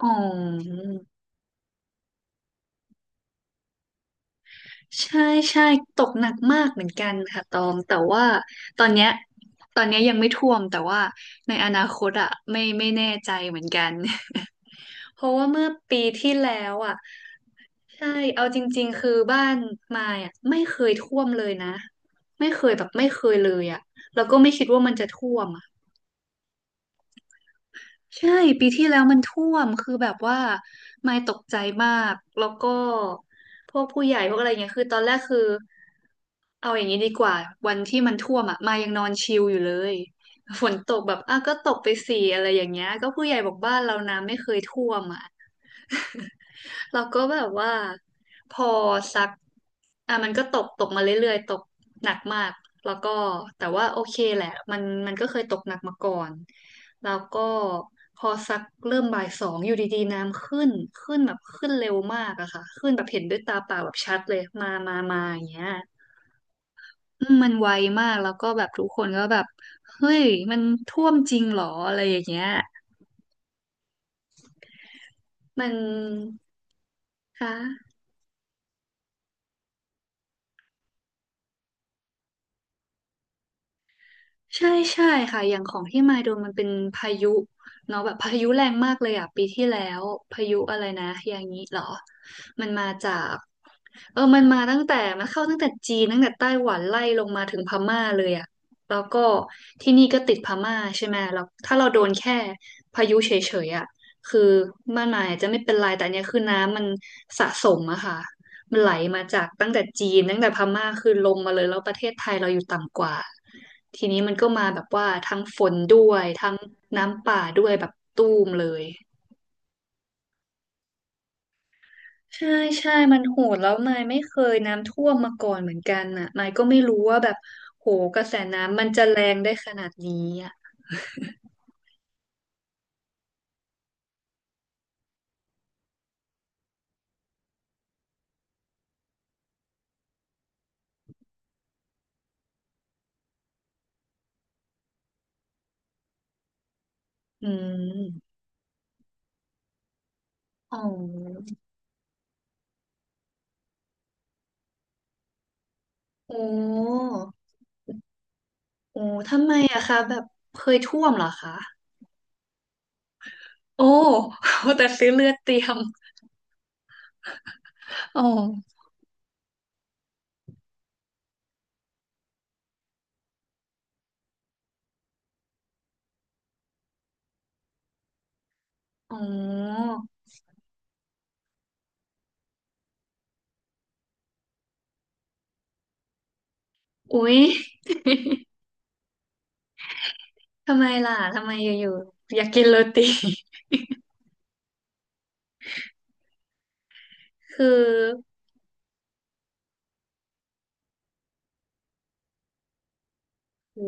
อ๋อใช่ใช่ตกหนักมากเหมือนกันค่ะตองแต่ว่าตอนเนี้ยตอนเนี้ยยังไม่ท่วมแต่ว่าในอนาคตอ่ะไม่แน่ใจเหมือนกัน เพราะว่าเมื่อปีที่แล้วอ่ะใช่เอาจริงๆคือบ้านมายอ่ะไม่เคยท่วมเลยนะไม่เคยแบบไม่เคยเลยอ่ะแล้วก็ไม่คิดว่ามันจะท่วมอะ ใช่ปีที่แล้วมันท่วมคือแบบว่าไม่ตกใจมากแล้วก็พวกผู้ใหญ่พวกอะไรเงี้ยคือตอนแรกคือเอาอย่างนี้ดีกว่าวันที่มันท่วมอ่ะมายังนอนชิลอยู่เลยฝนตกแบบอ่ะก็ตกไปสี่อะไรอย่างเงี้ยก็ผู้ใหญ่บอกบ้านเราน้ำไม่เคยท่วมอ่ะ เราก็แบบว่าพอซักอ่ะมันก็ตกมาเรื่อยๆตกหนักมากแล้วก็แต่ว่าโอเคแหละมันก็เคยตกหนักมาก่อนแล้วก็พอซักเริ่มบ่ายสองอยู่ดีๆน้ำขึ้นขึ้นแบบขึ้นเร็วมากอะค่ะขึ้นแบบเห็นด้วยตาเปล่าแบบชัดเลยมาอย่างเงี้ยอืมมันไวมากแล้วก็แบบทุกคนก็แบบเฮ้ยมันท่วมจริงเหรออะไรอย่างเงี้ยมันค่ะ ใช่ใช่ค่ะอย่างของที่มาโดนมันเป็นพายุเนาะแบบพายุแรงมากเลยอ่ะปีที่แล้วพายุอะไรนะอย่างนี้เหรอมันมาจากมันมาตั้งแต่มันเข้าตั้งแต่จีนตั้งแต่ไต้หวันไล่ลงมาถึงพม่าเลยอ่ะแล้วก็ที่นี่ก็ติดพม่าใช่ไหมแล้วถ้าเราโดนแค่พายุเฉยๆอ่ะคือบ้านนายอาจจะไม่เป็นไรแต่อันเนี้ยคือน้ำมันสะสมอะค่ะ ไหลมาจากตั้งแต่จีนตั้งแต่พม่าคือลงมาเลยแล้วประเทศไทยเราอยู่ต่ำกว่าทีนี้มันก็มาแบบว่าทั้งฝนด้วยทั้งน้ำป่าด้วยแบบตูมเลยใช่ใช่มันโหดแล้วมายไม่เคยน้ำท่วมมาก่อนเหมือนกันอ่ะมายก็ไม่รู้ว่าแบบโหกระแสน้ำมันจะแรงได้ขนาดนี้อ่ะอืมอ๋อโอ้โอ้ทำไมอะคะแบบเคยท่วมเหรอคะโอ้ แต่ซื้อเลือดเตรียมอ๋อ อ๋ออุ๊ยทำไมล่ะ ทำไมอยู่ๆอยากกินโรตี คือหู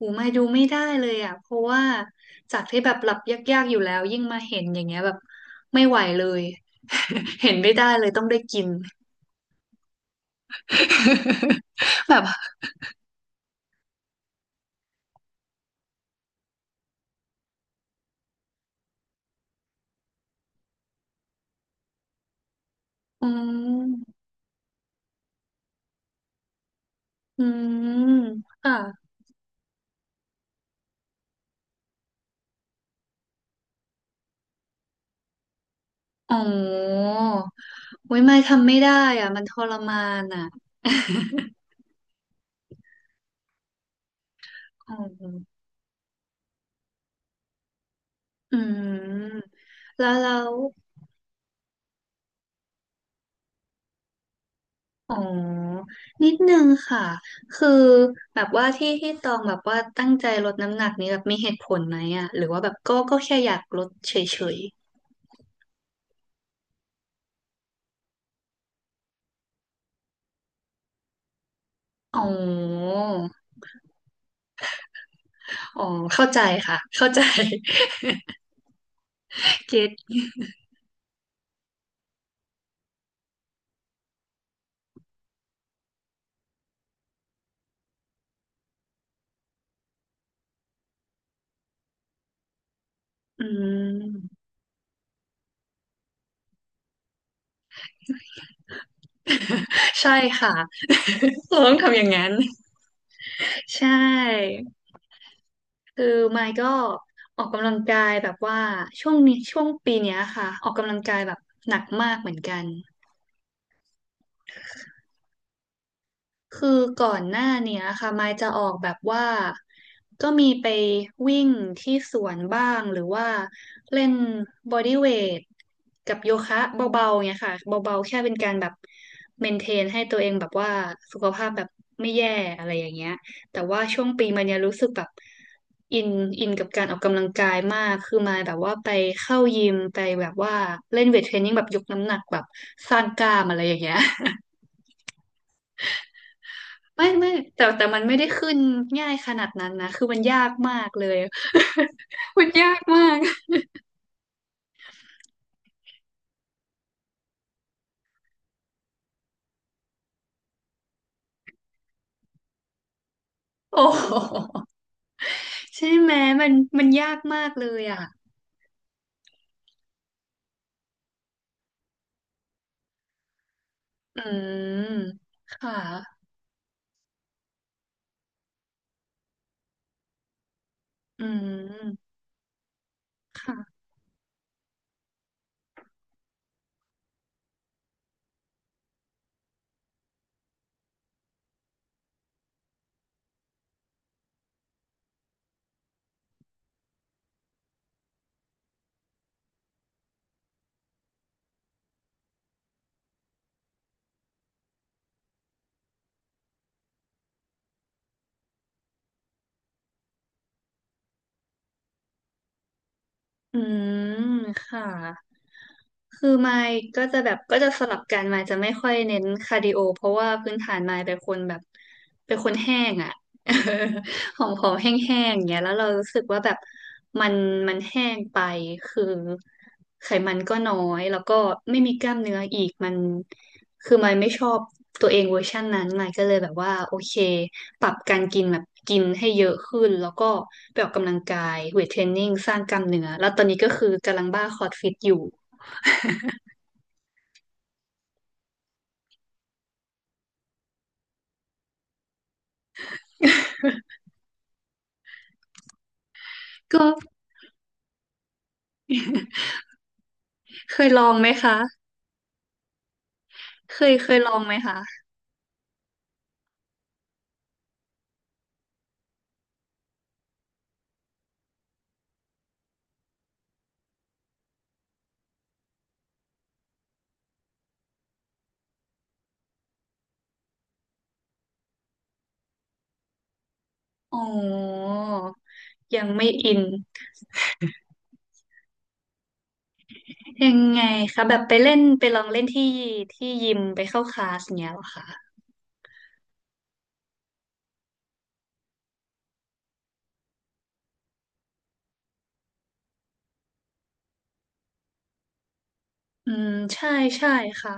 หูมาดูไม่ได้เลยอ่ะเพราะว่าจากที่แบบหลับยากๆอยู่แล้วยิ่งมาเห็นอย่างเงี้ยแบบไม่ไหวเลย เห็นไม่ได้เลยต้องได้กิน แบบอืมอืมค่ะอ๋ออุ๊ยไม่ทำไม่ได้อ่ะมันทรมานอ่ะ อ๋ออืมแล้ว อ๋อ นิดนึงค่ะ คือแบบว่าที่ตองแบบว่าตั้งใจลดน้ำหนักนี้แบบมีเหตุผลไหมอะหรือว่าแบบก็แค่อยากลดเฉยๆอ๋อ อ๋อ เข้าใจค่ะ เข้าใจ เก็ตอืมใช่ค่ะ เราต้องทำอย่างนั้น ใช่คือไมค์ก็ออกกำลังกายแบบว่าช่วงนี้ช่วงปีเนี้ยค่ะออกกำลังกายแบบหนักมากเหมือนกัน คือก่อนหน้าเนี้ยค่ะมายจะออกแบบว่าก็มีไปวิ่งที่สวนบ้างหรือว่าเล่นบอดี้เวทกับโยคะเบาๆเนี้ยค่ะเบาๆแค่เป็นการแบบเมนเทนให้ตัวเองแบบว่าสุขภาพแบบไม่แย่อะไรอย่างเงี้ยแต่ว่าช่วงปีมาเนี้ยรู้สึกแบบอินอินกับการออกกำลังกายมากคือมายแบบว่าไปเข้ายิมไปแบบว่าเล่นเวทเทรนนิ่งแบบยกน้ำหนักแบบสร้างกล้ามอะไรอย่างเงี้ย ไม่แต่มันไม่ได้ขึ้นง่ายขนาดนั้นนะคือมันยากมากเลย มันยากมาก โอ้โหใช่ไหมมันมันยากมากเลยอ่ะอืมค่ะอืมค่ะอืมค่ะคือไมค์ก็จะแบบก็จะสลับกันไมค์จะไม่ค่อยเน้นคาร์ดิโอเพราะว่าพื้นฐานไมค์เป็นคนแบบเป็นคนแห้งอ่ะ เออหอมหอมแห้งๆอย่างเงี้ยแล้วเรารู้สึกว่าแบบมันมันแห้งไป คือไขมันก็น้อยแล้วก็ไม่มีกล้ามเนื้ออีกมันคือมนไม่ชอบตัวเองเวอร์ชันนั้นมาก็เลยแบบว่าโอเคปรับการกินแบบกินให้เยอะขึ้นแล้วก็ไปออกกำลังกายเวทเทรนนิ่งสร้างกล้ามเนื้อแล้วตอนนี้ก็คือกำลังบ้าคอร์สฟิตอยู่ก็เคยลองไหมคะเคยลองไหมคะอ๋อยังไม่อิน ยังไงคะแบบไปเล่นไปลองเล่นที่ที่ยิมไปเข้าคลาสเงี้ยเหรอคะอืมใช่ใช่ค่ะ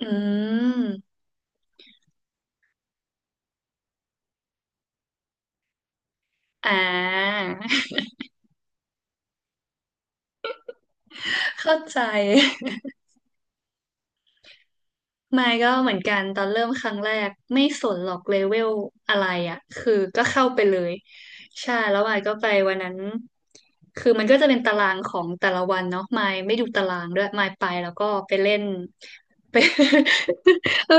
อืมอ่า เข้าใจไม่ก็เหมือนกันตอนเริ่มครั้งแรกไม่สนหรอกเลเวลอะไรอ่ะคือก็เข้าไปเลยใช่แล้วมายก็ไปวันนั้นคือมันก็จะเป็นตารางของแต่ละวันเนาะมายไม่ดูตารางด้วยมายไปแล้วก็ไปเล่นไป เออ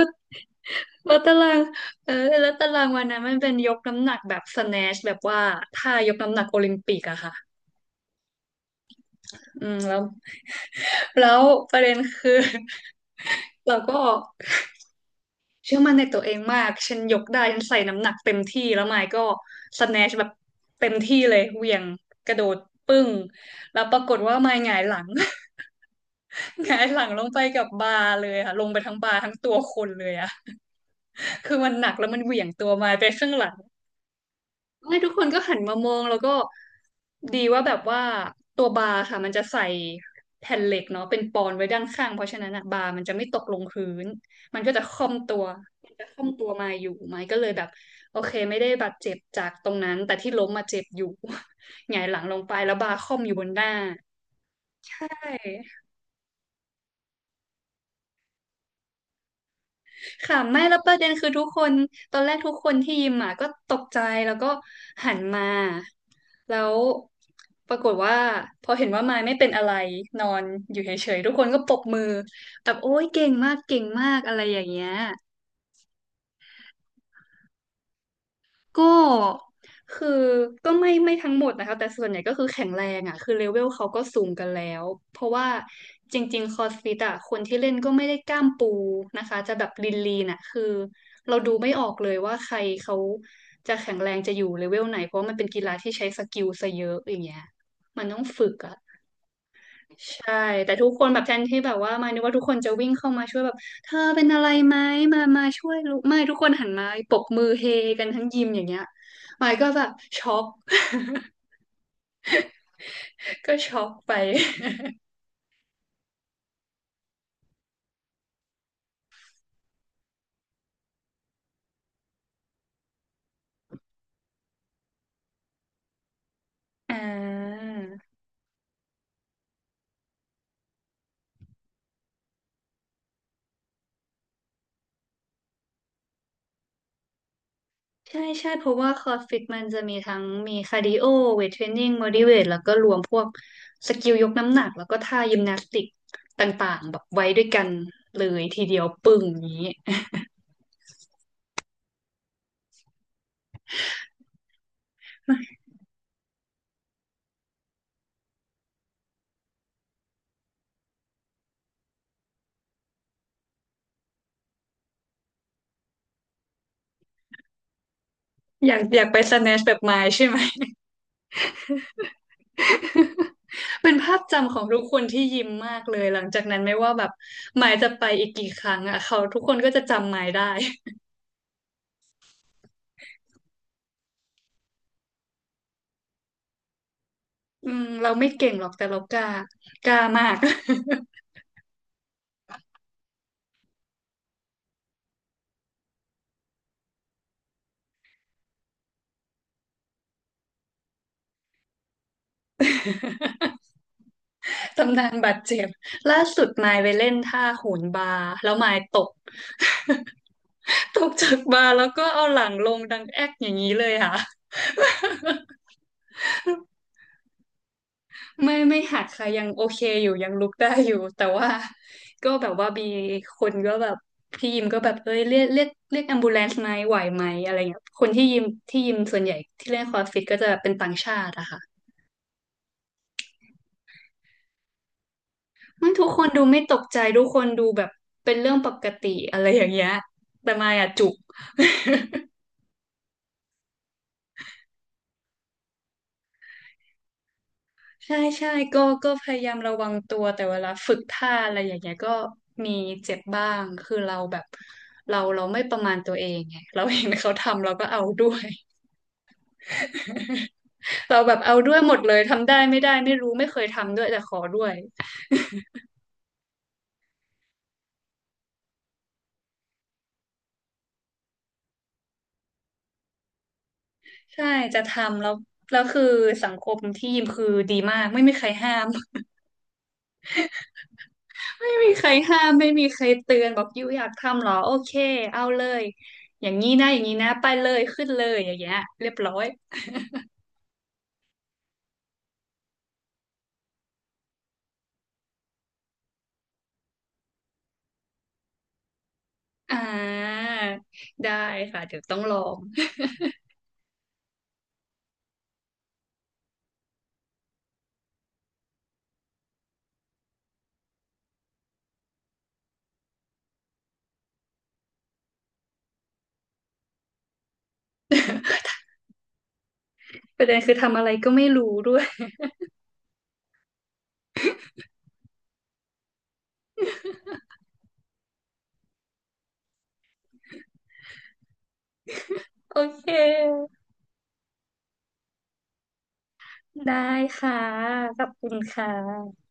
แล้วตารางเออแล้วตารางวันนั้นมันเป็นยกน้ำหนักแบบสแนชแบบว่าท่ายกน้ำหนักโอลิมปิกอะค่ะอืมแล้วแล้วประเด็นคือ เราก็เชื่อมั่นในตัวเองมากฉันยกได้ฉันใส่น้ำหนักเต็มที่แล้วไมค์ก็สแนชแบบเต็มที่เลยเหวี่ยงกระโดดปึ้งแล้วปรากฏว่าไมค์หงายหลัง หงายหลังลงไปกับบาร์เลยค่ะลงไปทั้งบาร์ทั้งตัวคนเลยอะ คือมันหนักแล้วมันเหวี่ยงตัวไมค์ไปข้างหลัง ไม่ทุกคนก็หันมามองแล้วก็ดีว่าแบบว่าตัวบาร์ค่ะมันจะใส่แผ่นเหล็กเนาะเป็นปอนไว้ด้านข้างเพราะฉะนั้นอะบาร์มันจะไม่ตกลงพื้นมันก็จะค่อมตัวมันจะค่อมตัวมาอยู่ไม้ก็เลยแบบโอเคไม่ได้บาดเจ็บจากตรงนั้นแต่ที่ล้มมาเจ็บอยู่ หงายหลังลงไปแล้วบาร์ค่อมอยู่บนหน้าใช่ ค่ะไม่แล้วประเด็นคือทุกคนตอนแรกทุกคนที่ยิมอ่ะก็ตกใจแล้วก็หันมาแล้วปรากฏว่าพอเห็นว่ามายไม่เป็นอะไรนอนอยู่เฉยๆทุกคนก็ปรบมือแบบโอ๊ยเก่งมากเก่งมากอะไรอย่างเงี้ย ก็คือก็ไม่ไม่ทั้งหมดนะคะแต่ส่วนใหญ่ก็คือแข็งแรงอ่ะคือเลเวลเขาก็สูงกันแล้วเพราะว่าจริงๆคอสฟิตอ่ะคนที่เล่นก็ไม่ได้กล้ามปูนะคะจะแบบลีนลีน่ะคือเราดูไม่ออกเลยว่าใครเขาจะแข็งแรงจะอยู่เลเวลไหนเพราะว่ามันเป็นกีฬาที่ใช้สกิลซะเยอะอย่างเงี้ยมันต้องฝึกอ่ะ ใช่แต่ทุกคนแบบแทนที่แบบว่ามานึกว่าทุกคนจะวิ่งเข้ามาช่วยแบบเธอเป็นอะไรไหมมามาช่วยลูกไม่ทุกคนหันมาปรบมือเฮกันทั้งยิมอย่างเงี้ยมายก็แบบช็อก ก็ช็อกไป อ่าใช่ใช่เพราะว่าคอร์สฟิตมันจะมีทั้งมีคาร์ดิโอเวทเทรนนิ่งบอดี้เวทแล้วก็รวมพวกสกิลยกน้ำหนักแล้วก็ท่ายิมนาสติกต่างๆแบบไว้ด้วยกันเลยทีเดียวปึ้งอย่างนี้อยากอยากไปสแนชแบบมายใช่ไหม เป็นภาพจำของทุกคนที่ยิ้มมากเลยหลังจากนั้นไม่ว่าแบบหมายจะไปอีกกี่ครั้งอ่ะเขาทุกคนก็จะจำหมายได้ อืมเราไม่เก่งหรอกแต่เรากล้ากล้ามาก ตำนานบาดเจ็บล่าสุดมายไปเล่นท่าโหนบาร์แล้วมายตก ตกจากบาร์แล้วก็เอาหลังลงดังแอ๊กอย่างนี้เลยค่ะ ไม่ไม่หักค่ะยังโอเคอยู่ยังลุกได้อยู่ แต่ว่าก็แบบว่ามีคนก็แบบพี่ยิมก็แบบเอ้ยเรียกแอมบูเลนซ์ไหมไหวไหมอะไรเงี้ยคนที่ยิมที่ยิมส่วนใหญ่ที่เล่นคอร์สฟิตก็จะเป็นต่างชาติอะค่ะมันทุกคนดูไม่ตกใจทุกคนดูแบบเป็นเรื่องปกติอะไรอย่างเงี้ยแต่มายอะจุก ใช่ใช่ก็ก็พยายามระวังตัวแต่เวลาฝึกท่าอะไรอย่างเงี้ยก็มีเจ็บบ้างคือเราแบบเราไม่ประมาณตัวเองไงเราเห็นเขาทำเราก็เอาด้วย เราแบบเอาด้วยหมดเลยทำได้ไม่ได้ไม่รู้ไม่เคยทำด้วยแต่ขอด้วยใช่จะทำแล้วแล้วคือสังคมที่ยิมคือดีมากไม่มีใครห้าม ไม่มีใครห้ามไม่มีใครเตือนบอกยูอยากทำเหรอโอเคเอาเลยอย่างนี้นะอย่างนี้นะไปเลยขึ้นเลยอย่างเงี้ยเรียบร้อย อ่าได้ค่ะเดี๋ยวต้องลอง ประเด็นคือทำอะไรก็ไม่รู้ด้วยโอเคได้ค่ะขอบคุณค่ะ